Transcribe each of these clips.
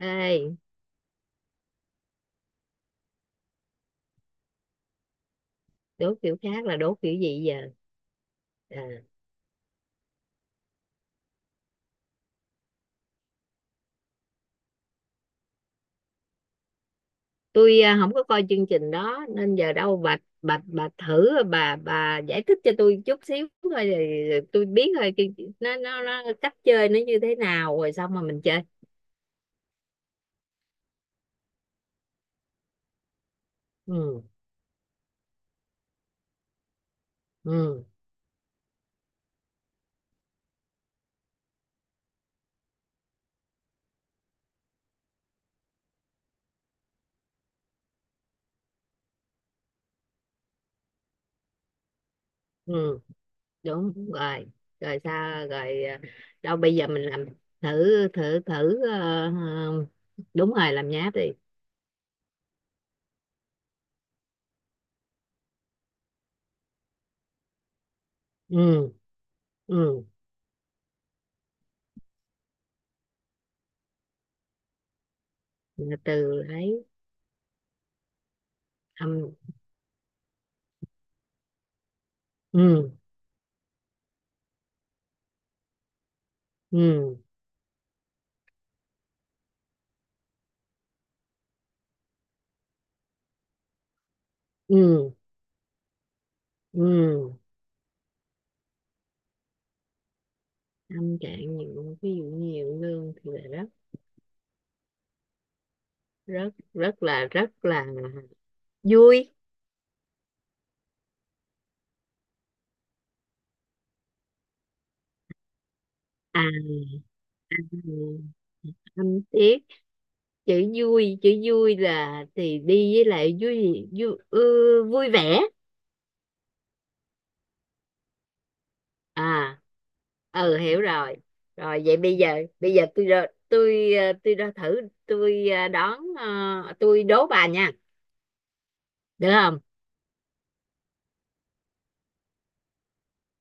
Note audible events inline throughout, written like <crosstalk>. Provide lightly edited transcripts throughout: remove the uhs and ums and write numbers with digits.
Ê, đố kiểu khác là đố kiểu gì giờ? À, tôi không có coi chương trình đó nên giờ đâu bà thử bà giải thích cho tôi chút xíu thôi rồi rồi tôi biết thôi nó cách chơi nó như thế nào rồi xong mà mình chơi. Ừ ừ ừ, đúng rồi. Rồi sao rồi? Đâu bây giờ mình làm thử thử thử ờ, đúng rồi, làm nháp đi. Ừ ừ, từ ấy âm ừ ừ ừ Ừ, tâm trạng nhiều, ví dụ nhiều lương thì là rất, rất là vui. à Tâm tiết, chữ vui, chữ vui là thì đi với lại vui vui ừ, vui vẻ. à ừ, hiểu rồi. Rồi vậy bây giờ, tôi ra thử, tôi ờ, đón ờ, tôi đố bà nha. Được.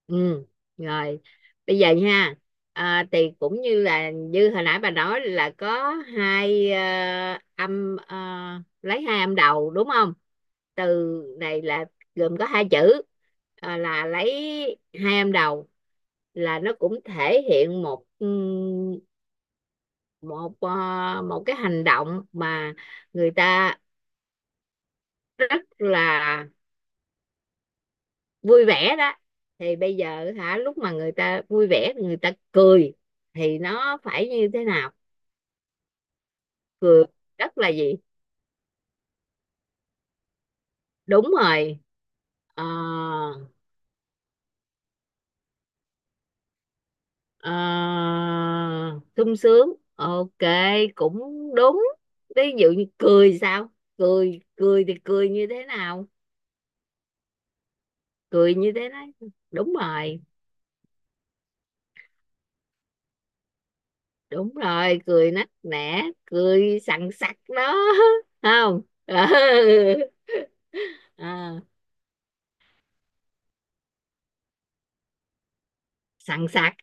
Ừ, rồi. Bây giờ nha, thì cũng như là như hồi nãy bà nói là có hai âm, lấy hai âm đầu đúng không? Từ này là gồm có hai chữ, là lấy hai âm đầu, là nó cũng thể hiện một một một cái hành động mà người ta rất là vui vẻ đó. Thì bây giờ hả, lúc mà người ta vui vẻ người ta cười thì nó phải như thế nào, cười rất là gì? Đúng rồi. Ờ, ờ, sung sướng, ok, cũng đúng. Ví dụ như cười sao, cười cười thì cười như thế nào, cười như thế đấy. Đúng rồi, đúng rồi, cười nắc nẻ, cười sằng sặc đó. <laughs> Không, ừ. Ờ. Sằng sạc,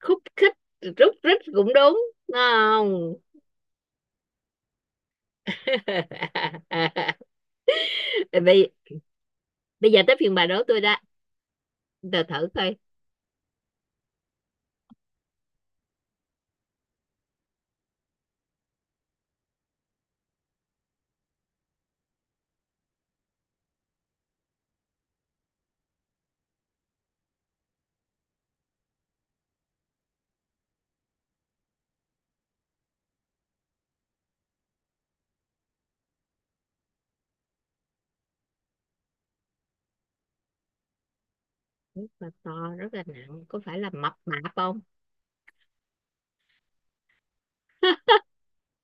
khúc khích, rúc rít cũng đúng, đúng không? <laughs> bây Bây giờ tới phiên bà đố tôi đó, tôi thử coi. Rất là to, rất là nặng, có phải là mập mạp không?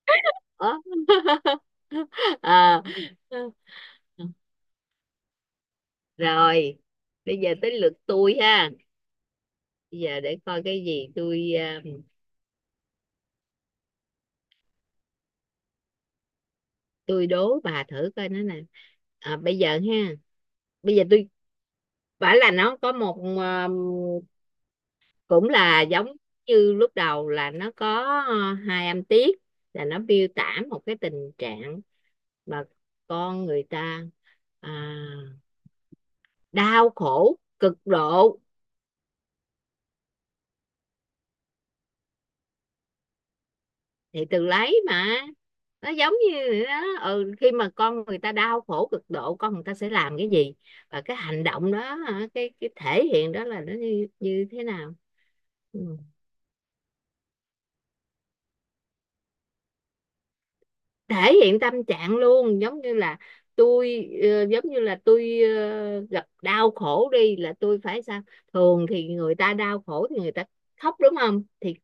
<laughs> Ủa? Ờ. Rồi bây giờ tới lượt tôi ha. Bây giờ để coi cái gì, tôi đố bà thử coi nó nè. Bây giờ ha, bây giờ tôi bảo là nó có một, cũng là giống như lúc đầu là nó có hai âm tiết, là nó miêu tả một cái tình trạng mà con người ta à, đau khổ cực độ. Thì từ lấy mà, nó giống như đó, ừ, khi mà con người ta đau khổ cực độ con người ta sẽ làm cái gì, và cái hành động đó, cái thể hiện đó là nó như, như thế nào. Ừ. Thể hiện tâm trạng luôn, giống như là giống như là gặp đau khổ đi là tôi phải sao, thường thì người ta đau khổ thì người ta khóc đúng không. Thì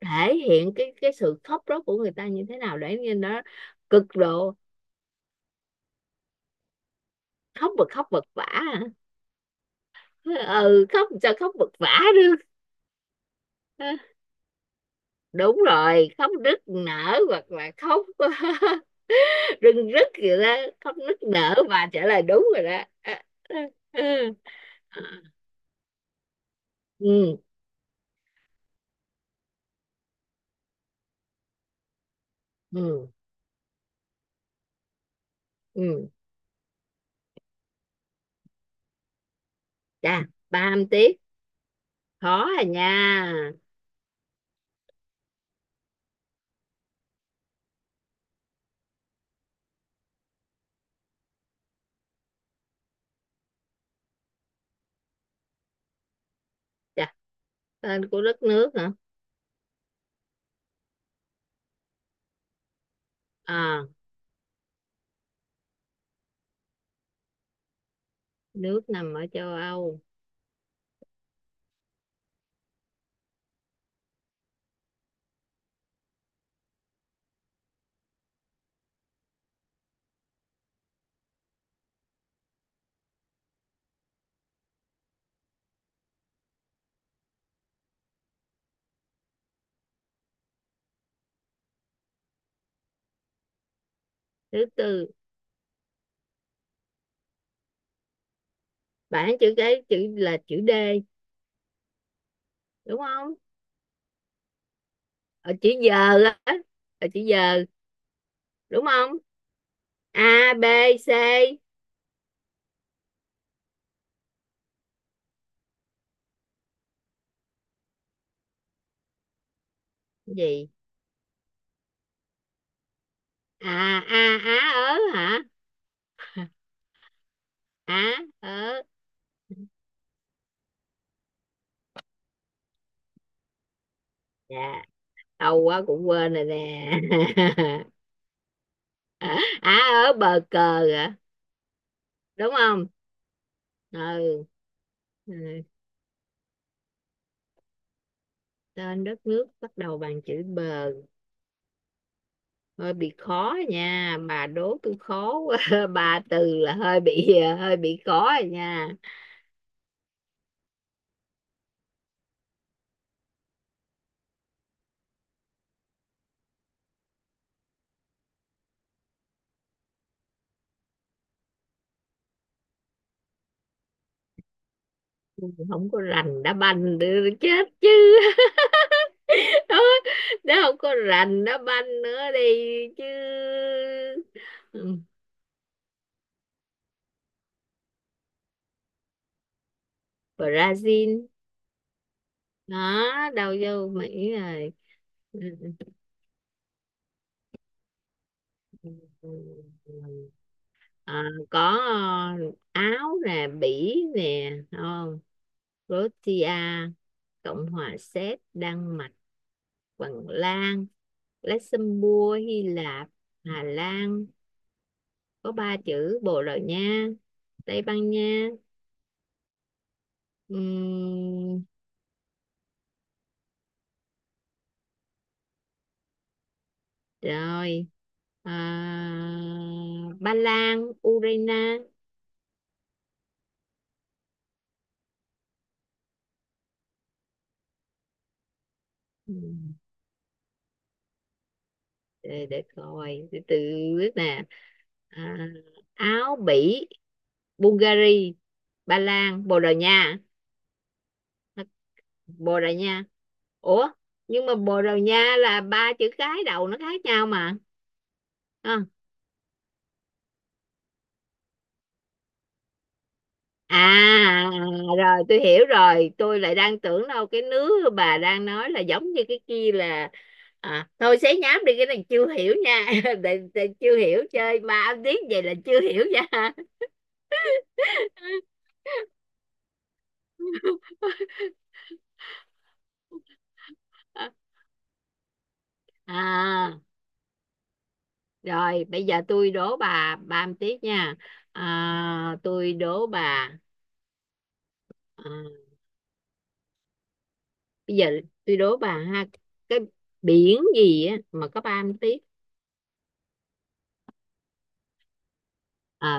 thể hiện cái sự khóc đó của người ta như thế nào, để như nó cực độ, khóc. Và khóc vật vã hả? Ừ, khóc sao khóc vật vã được. Ờ, đúng rồi, khóc nức nở, hoặc là khóc <laughs> rưng rức gì đó. Khóc nức nở và trả lời đúng rồi đó. Ờ, ờ, ờ. ừ ừ ừ Chà, ba âm tiết, khó à nha. Chà, tên của đất nước hả? à Nước nằm ở châu Âu. Thứ tư, bảng chữ cái, chữ là chữ D đúng không? Ở chữ giờ á, ở chữ giờ, đúng không? A B C gì? A á ớ hả? Á ớ, dạ lâu quá cũng quên rồi nè. <laughs> Á ớ bờ cờ hả? Đúng không? Ừ. à, Tên đất nước bắt đầu bằng chữ B. Hơi bị khó nha, bà đố tôi khó quá. <laughs> Ba từ là hơi bị, hơi bị khó rồi nha. Tôi không có rành đá banh nữa, chết chứ. <laughs> Đó, đó, không có rành đá banh nữa đi chứ. Ừ, Brazil. Đó, đâu vô Mỹ rồi. Ừ, ừ, ừ, ừ. ừ. Ờ, có, ờ, Áo nè, Bỉ nè, đúng không? Croatia, Cộng hòa Séc, Đan Mạch, Phần Lan, Luxembourg, Hy Lạp, Hà Lan có ba chữ, Bồ Đào Nha, Tây Ban Nha, Ừm, rồi. à, Ba Lan, Ukraine. Ừ. Để coi từ từ, biết nè. à, Áo, Bỉ, Bulgaria, Ba Lan, Bồ Đào Nha. Bồ Đào Nha, ủa nhưng mà Bồ Đào Nha là ba chữ cái đầu nó khác nhau mà. à, à Rồi tôi hiểu rồi, tôi lại đang tưởng đâu cái nước bà đang nói là giống như cái kia là. Thôi xé nhám đi cái này, chưa hiểu nha. <laughs> Để chưa hiểu, chơi ba âm tiếng vậy là chưa hiểu nha. <laughs> À, rồi bây giờ tôi đố bà ba một tiếp nha. À, tôi đố bà, à, bây giờ tôi đố bà ha, cái biển gì á mà có ba mươi tiếp. Ờ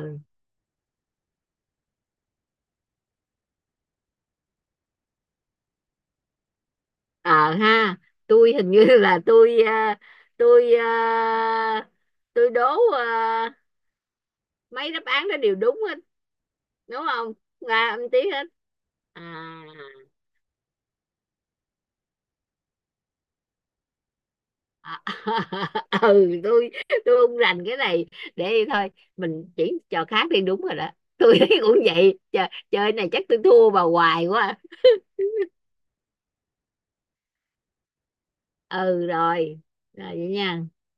ờ ha, tôi hình như là tôi à, tôi à, tôi đố à, mấy đáp án đó đều đúng hết, đúng không? Ba mươi tiếp hết. À. À, <laughs> ừ tôi không rành cái này, để thôi mình chuyển trò khác đi, đúng rồi đó. <laughs> Tôi thấy cũng vậy. Chờ, chơi này chắc tôi thua bà hoài quá. Ừ rồi, rồi vậy nha.